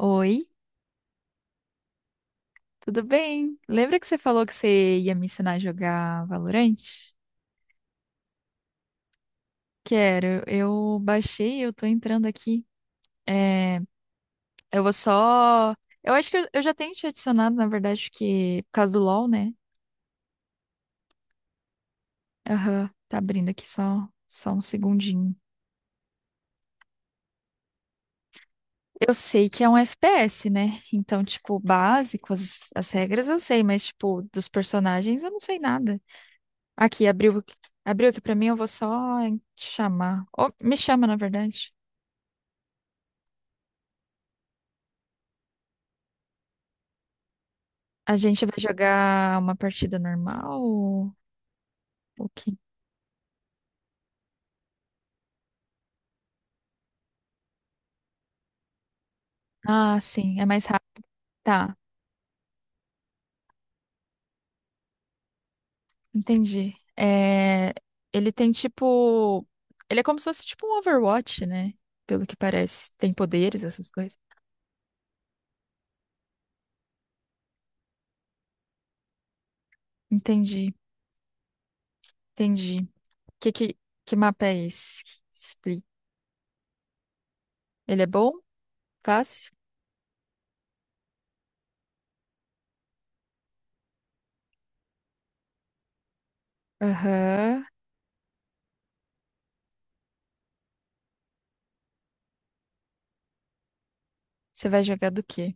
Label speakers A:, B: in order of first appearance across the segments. A: Oi, tudo bem? Lembra que você falou que você ia me ensinar a jogar Valorant? Quero, eu baixei, eu tô entrando aqui. É, eu vou só. Eu acho que eu já tenho te adicionado, na verdade, porque por causa do LoL, né? Aham, tá abrindo aqui só, um segundinho. Eu sei que é um FPS, né? Então, tipo, básico, as regras eu sei, mas, tipo, dos personagens eu não sei nada. Aqui, abriu aqui pra mim, eu vou só chamar. Ou me chama, na verdade. A gente vai jogar uma partida normal ou o quê? Ah, sim, é mais rápido. Tá, entendi. É, ele tem tipo. Ele é como se fosse tipo um Overwatch, né? Pelo que parece. Tem poderes, essas coisas. Entendi, entendi. Que, que, que mapa é esse? Split. Ele é bom? Fácil? Aham. Você vai jogar do quê?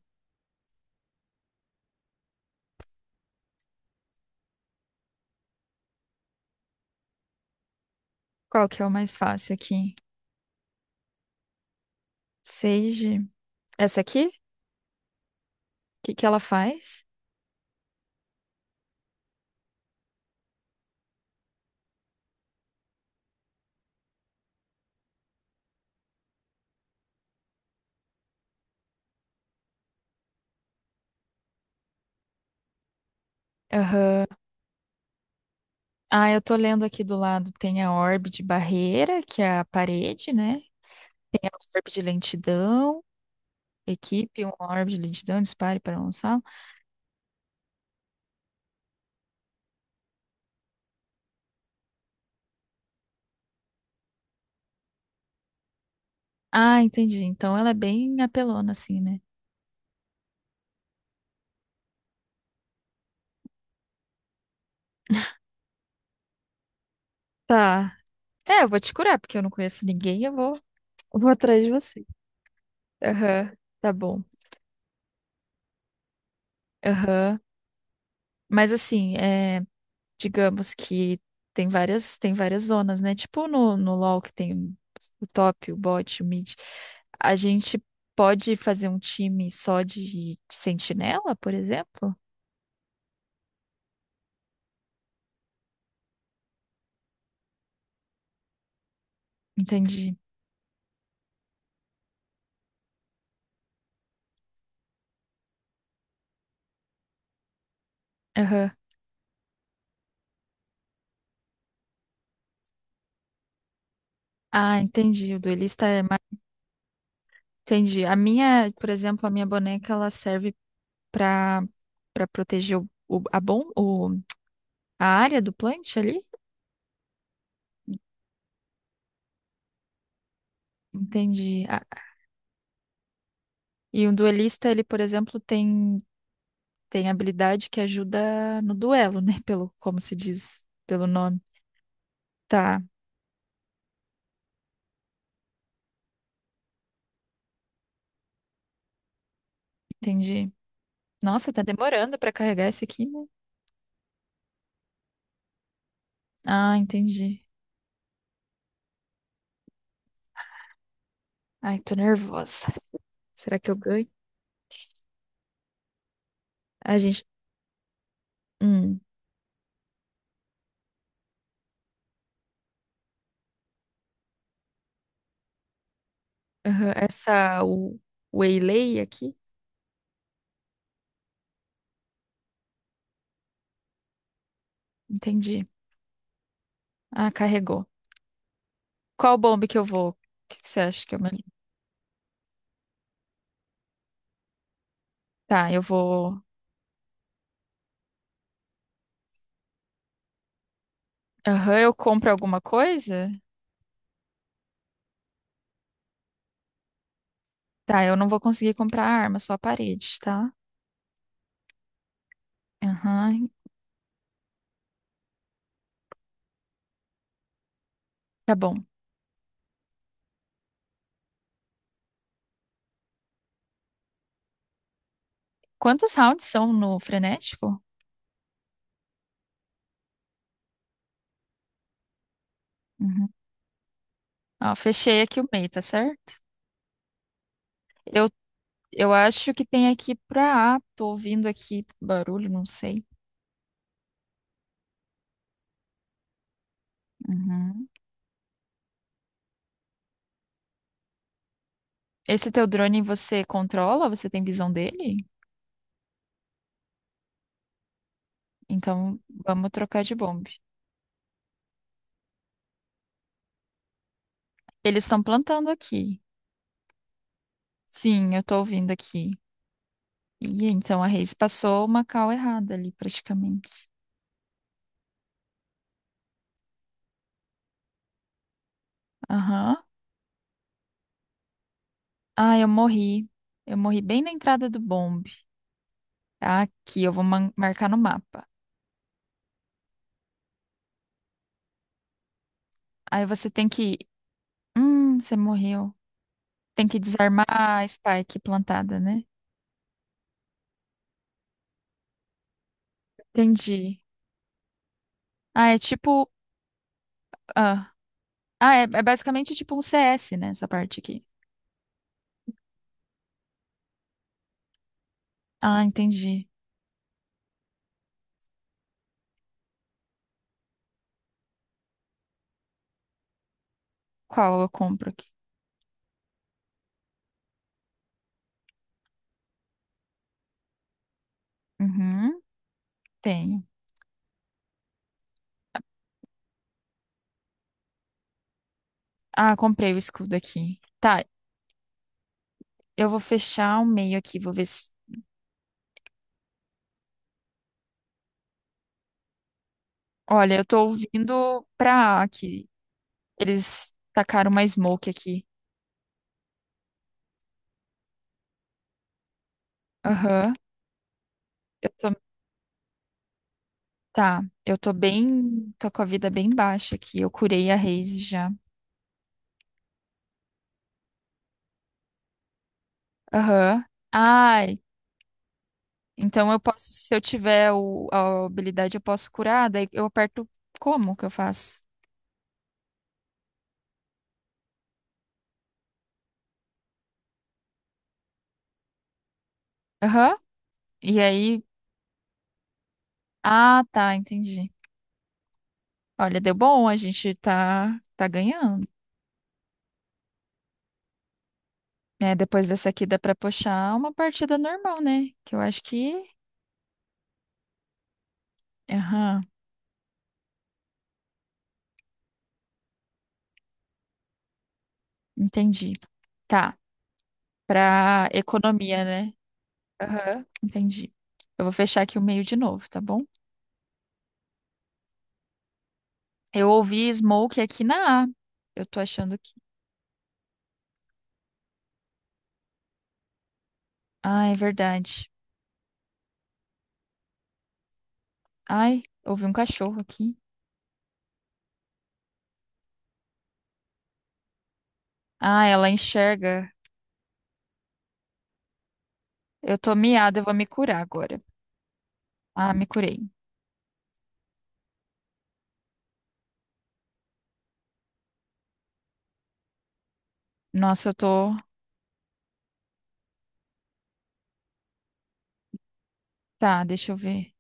A: Qual que é o mais fácil aqui? Sage? Essa aqui? O que que ela faz? Aham. Ah, eu tô lendo aqui do lado, tem a orbe de barreira, que é a parede, né? Tem a orbe de lentidão, equipe, uma orbe de lentidão, dispare para lançar. Ah, entendi. Então ela é bem apelona, assim, né? Tá. É, eu vou te curar, porque eu não conheço ninguém, eu vou. Eu vou atrás de você. Aham, tá bom. Aham. Mas assim, é, digamos que tem várias zonas, né? Tipo no, no LoL que tem o top, o bot, o mid. A gente pode fazer um time só de sentinela, por exemplo? Entendi. Aham. Ah, entendi. O duelista é mais... Entendi. A minha, por exemplo, a minha boneca, ela serve pra para proteger o- a, bom, o, a área do plant ali. Entendi. Ah, e um duelista, ele, por exemplo, tem tem habilidade que ajuda no duelo, né? Pelo, como se diz, pelo nome. Tá, entendi. Nossa, tá demorando pra carregar esse aqui, né? Ah, entendi. Ai, tô nervosa. Será que eu ganho? A gente. Hum, aham, essa. O Waylay aqui? Entendi. Ah, carregou. Qual bomba que eu vou? O que que você acha que eu melhor? Tá, eu vou. Aham, eu compro alguma coisa? Tá, eu não vou conseguir comprar arma, só a parede, tá? Aham, tá bom. Quantos rounds são no frenético? Uhum. Ó, fechei aqui o meio, tá certo? Eu, eu acho que tem aqui pra A. Tô ouvindo aqui barulho, não sei. Uhum. Esse teu drone você controla? Você tem visão dele? Então vamos trocar de bomba. Eles estão plantando aqui. Sim, eu tô ouvindo aqui. E então a Reis passou uma cal errada ali, praticamente. Aham. Ah, eu morri. Eu morri bem na entrada do bombe. Aqui, eu vou marcar no mapa. Aí você tem que. Você morreu. Tem que desarmar a spike plantada, né? Entendi. Ah, é tipo. Ah, ah é, é basicamente tipo um CS, né? Essa parte aqui. Ah, entendi. Qual eu compro aqui? Uhum, tenho. Ah, comprei o escudo aqui. Tá, eu vou fechar o meio aqui, vou ver se. Olha, eu tô ouvindo pra A aqui. Eles tacaram uma smoke aqui. Aham. Eu tô. Tá, eu tô bem. Tô com a vida bem baixa aqui. Eu curei a Raze já. Aham. Ai, então eu posso, se eu tiver o, a habilidade, eu posso curar, daí eu aperto como que eu faço? Aham. E aí, ah, tá, entendi. Olha, deu bom, a gente tá ganhando. É, depois dessa aqui dá pra puxar uma partida normal, né? Que eu acho que, aham, entendi. Tá, pra economia, né? Aham, entendi. Eu vou fechar aqui o meio de novo, tá bom? Eu ouvi Smoke aqui na A. Eu tô achando que ah, é verdade. Ai, ouvi um cachorro aqui. Ah, ela enxerga. Eu tô miada, eu vou me curar agora. Ah, me curei. Nossa, eu tô. Tá, deixa eu ver.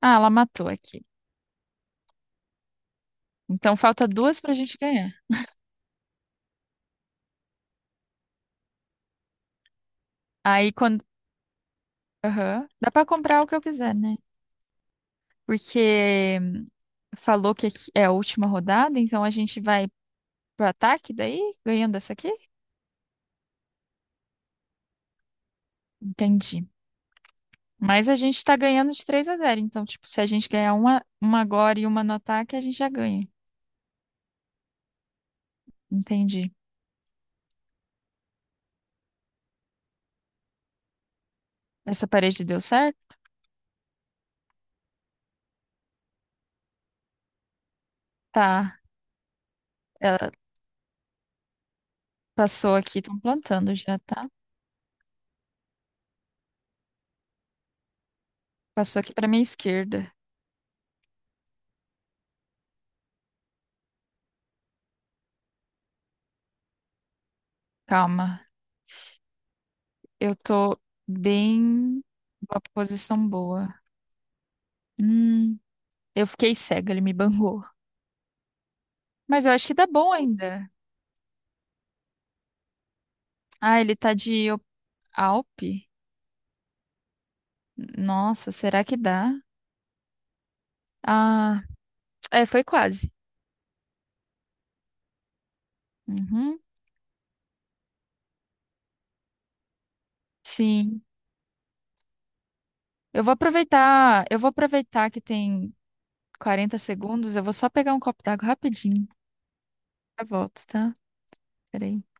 A: Ah, ela matou aqui. Então falta duas pra gente ganhar. Aí quando. Aham. Dá pra comprar o que eu quiser, né? Porque falou que aqui é a última rodada, então a gente vai pro ataque daí, ganhando essa aqui? Entendi. Mas a gente tá ganhando de 3 a zero. Então, tipo, se a gente ganhar uma agora e uma no ataque, a gente já ganha. Entendi. Essa parede deu certo? Tá. Ela passou aqui, estão plantando já, tá? Passou aqui para minha esquerda. Calma. Eu tô bem numa posição boa. Hum, eu fiquei cega, ele me bangou. Mas eu acho que dá bom ainda. Ah, ele tá de Alpe? Nossa, será que dá? Ah, é, foi quase. Uhum, sim. Eu vou aproveitar que tem 40 segundos, eu vou só pegar um copo d'água rapidinho. Já volto, tá? Peraí.